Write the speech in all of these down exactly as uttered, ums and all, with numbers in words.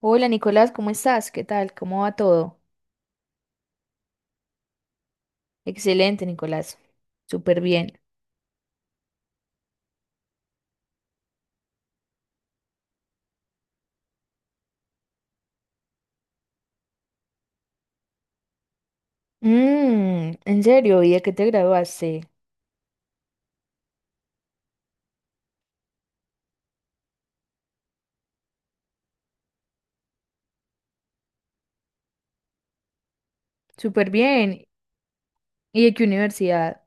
Hola Nicolás, ¿cómo estás? ¿Qué tal? ¿Cómo va todo? Excelente, Nicolás. Súper bien. Mm, ¿en serio? ¿Y de qué te graduaste? Súper bien. ¿Y de qué universidad?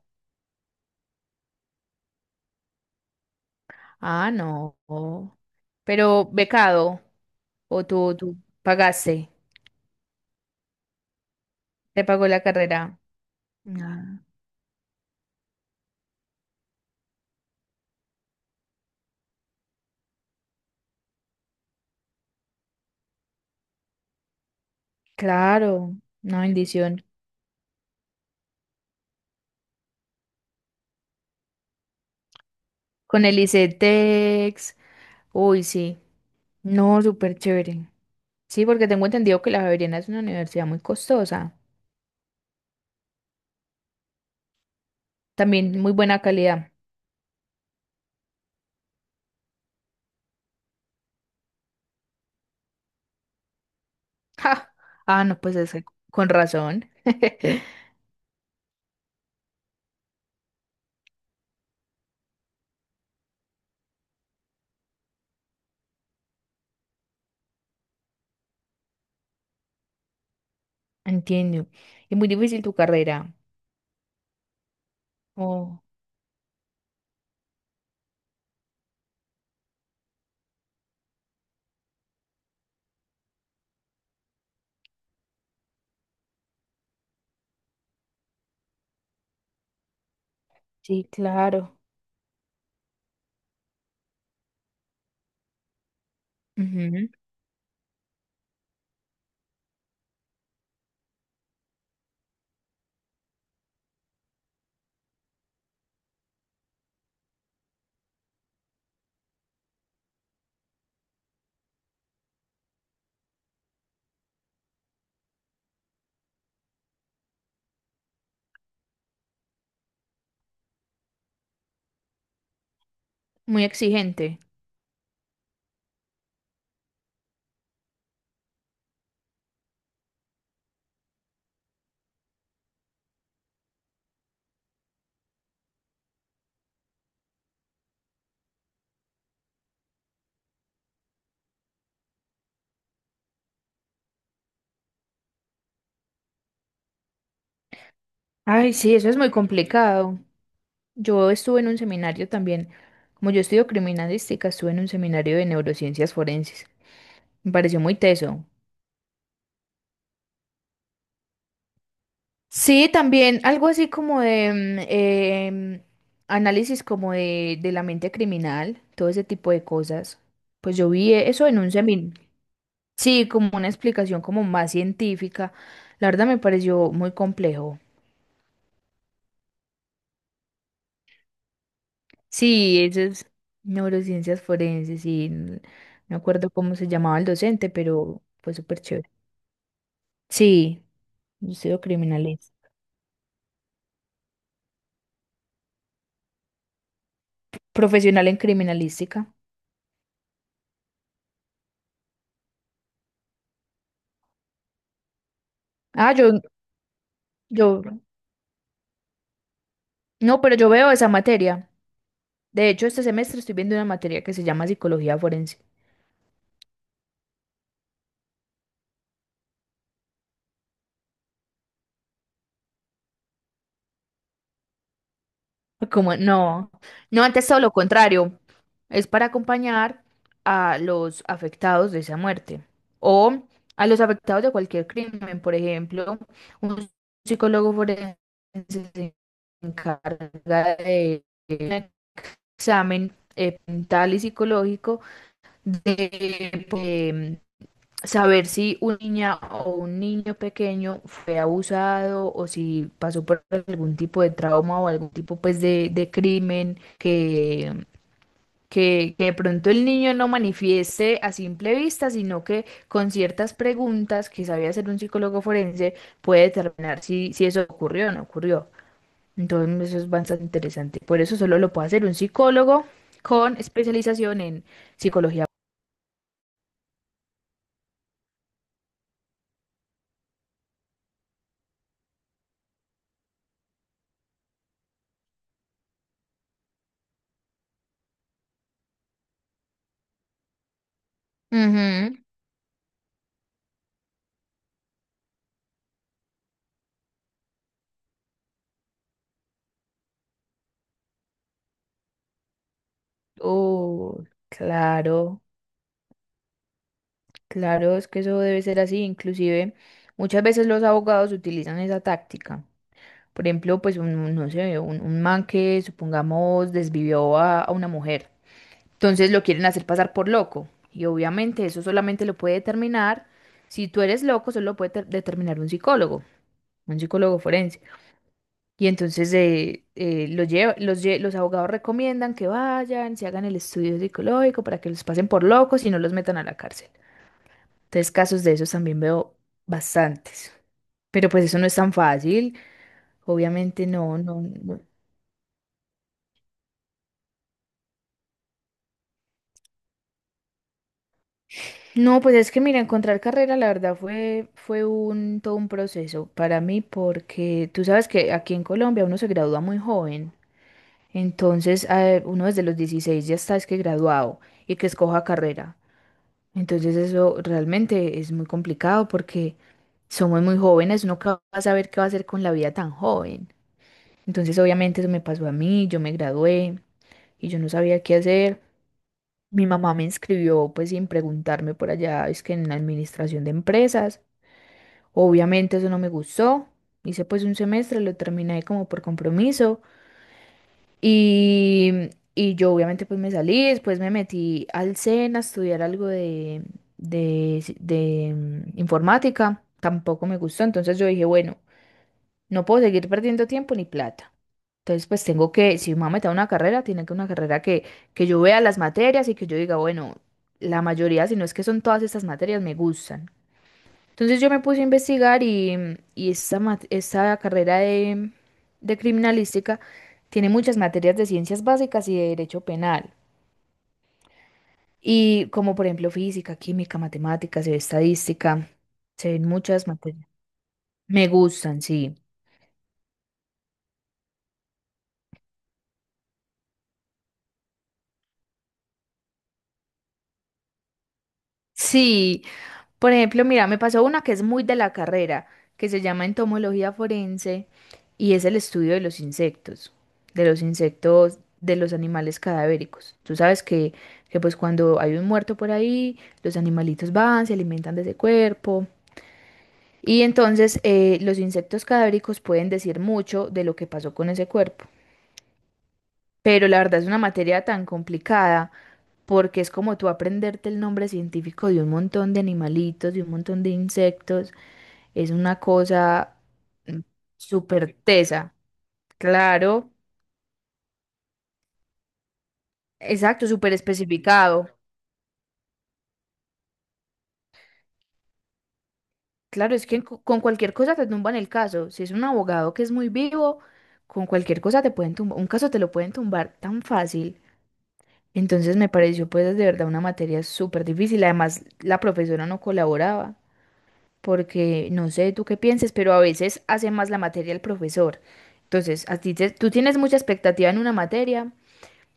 Ah, no. Pero becado o tú, tú pagaste, te pagó la carrera. Ah, claro, una bendición. Con el ICETEX. Uy, sí. No, súper chévere. Sí, porque tengo entendido que la Javeriana es una universidad muy costosa. También muy buena calidad. Ja. Ah, no, pues es que con razón. Entiendo. Es muy difícil tu carrera. Oh, sí, claro. Ujú. Muy exigente. Ay, sí, eso es muy complicado. Yo estuve en un seminario también. Como yo estudio criminalística, estuve en un seminario de neurociencias forenses. Me pareció muy teso. Sí, también algo así como de mm, em, análisis como de, de la mente criminal, todo ese tipo de cosas. Pues yo vi eso en un seminario. Sí, como una explicación como más científica. La verdad me pareció muy complejo. Sí, esas neurociencias forenses y no me acuerdo cómo se llamaba el docente, pero fue súper chévere. Sí, yo soy criminalista. Profesional en criminalística. Ah, yo, yo, no, pero yo veo esa materia. De hecho, este semestre estoy viendo una materia que se llama psicología forense. Como, no, no, antes todo lo contrario. Es para acompañar a los afectados de esa muerte o a los afectados de cualquier crimen. Por ejemplo, un psicólogo forense se encarga de un examen eh, mental y psicológico de eh, saber si una niña o un niño pequeño fue abusado o si pasó por algún tipo de trauma o algún tipo pues de, de crimen que que, que de pronto el niño no manifieste a simple vista, sino que con ciertas preguntas que sabía hacer un psicólogo forense puede determinar si, si eso ocurrió o no ocurrió. Entonces eso es bastante interesante. Por eso solo lo puede hacer un psicólogo con especialización en psicología. Ujú. Oh, claro, claro, es que eso debe ser así. Inclusive muchas veces los abogados utilizan esa táctica. Por ejemplo, pues un, no sé, un, un man que supongamos desvivió a, a una mujer. Entonces lo quieren hacer pasar por loco. Y obviamente eso solamente lo puede determinar, si tú eres loco, solo lo puede ter- determinar un psicólogo, un psicólogo forense. Y entonces eh, eh, lo lleva- los, lle- los abogados recomiendan que vayan, se hagan el estudio psicológico para que los pasen por locos y no los metan a la cárcel. Entonces casos de esos también veo bastantes. Pero pues eso no es tan fácil. Obviamente no, no, no. No, pues es que mira, encontrar carrera la verdad fue, fue un, todo un proceso para mí porque tú sabes que aquí en Colombia uno se gradúa muy joven, entonces eh, uno desde los dieciséis ya está es que graduado y que escoja carrera. Entonces eso realmente es muy complicado porque somos muy jóvenes, uno que va a saber qué va a hacer con la vida tan joven. Entonces obviamente eso me pasó a mí, yo me gradué y yo no sabía qué hacer. Mi mamá me inscribió pues sin preguntarme por allá, es que en la administración de empresas. Obviamente eso no me gustó. Hice pues un semestre, lo terminé como por compromiso y, y yo obviamente pues me salí, después me metí al SENA a estudiar algo de, de, de, mm, informática. Tampoco me gustó, entonces yo dije, bueno, no puedo seguir perdiendo tiempo ni plata. Entonces, pues tengo que, si me voy a meter a una carrera, tiene que una carrera que, que yo vea las materias y que yo diga, bueno, la mayoría, si no es que son todas estas materias, me gustan. Entonces yo me puse a investigar y, mm, y esta, mat- esta carrera de, de criminalística tiene muchas materias de ciencias básicas y de derecho penal. Y como por ejemplo física, química, matemáticas, estadística, se ven muchas materias. Me gustan, sí. Sí, por ejemplo, mira, me pasó una que es muy de la carrera, que se llama entomología forense y es el estudio de los insectos, de los insectos, de los animales cadavéricos. Tú sabes que, que pues cuando hay un muerto por ahí, los animalitos van, se alimentan de ese cuerpo. Y entonces eh, los insectos cadavéricos pueden decir mucho de lo que pasó con ese cuerpo. Pero la verdad es una materia tan complicada porque es como tú aprenderte el nombre científico de un montón de animalitos, de un montón de insectos. Es una cosa mm, súper tesa. Claro, exacto, súper especificado. Claro, es que co- con cualquier cosa te tumban el caso. Si es un abogado que es muy vivo, con cualquier cosa te pueden tumbar. Un caso te lo pueden tumbar tan fácil. Entonces me pareció pues de verdad una materia súper difícil. Además, la profesora no colaboraba porque no sé tú qué pienses, pero a veces hace más la materia el profesor. Entonces, a ti te- tú tienes mucha expectativa en una materia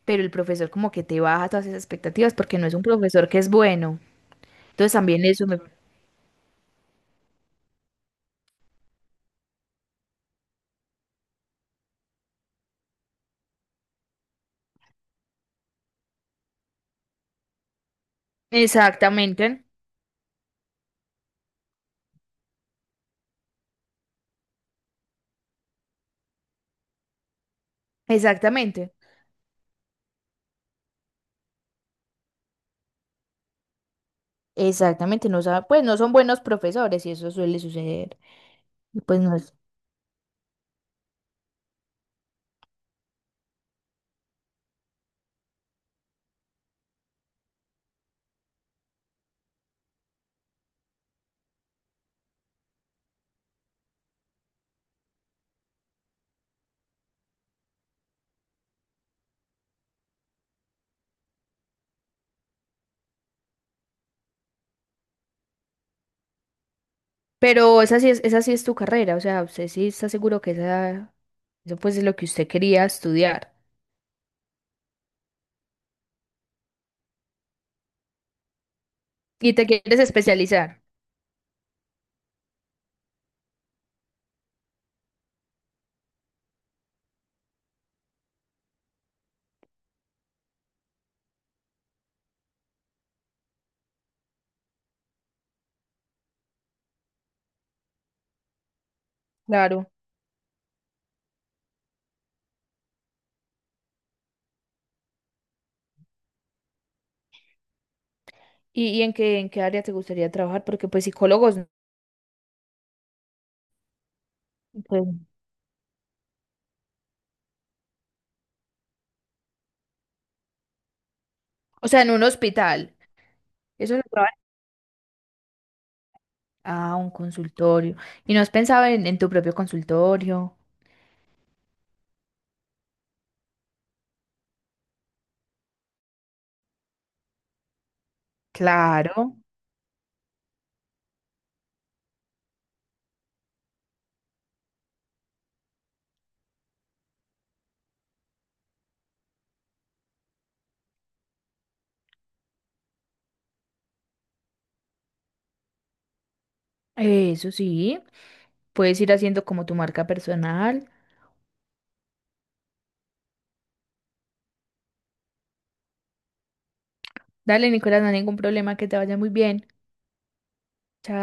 pero el profesor como que te baja todas esas expectativas porque no es un profesor que es bueno. Entonces también eso me... Exactamente, exactamente, exactamente, no sabe, pues no son buenos profesores y eso suele suceder. Y pues no es... Pero esa sí es, esa sí es tu carrera, o sea, usted sí está seguro que esa, eso pues es lo que usted quería estudiar y te quieres especializar, claro. ¿Y, y en qué, en qué área te gustaría trabajar? Porque pues psicólogos, pues, o sea, en un hospital, eso lo trabajan. Ah, un consultorio. ¿Y no has pensado en, en tu propio consultorio? Claro. Eso sí, puedes ir haciendo como tu marca personal. Dale, Nicolás, no hay ningún problema, que te vaya muy bien. Chao.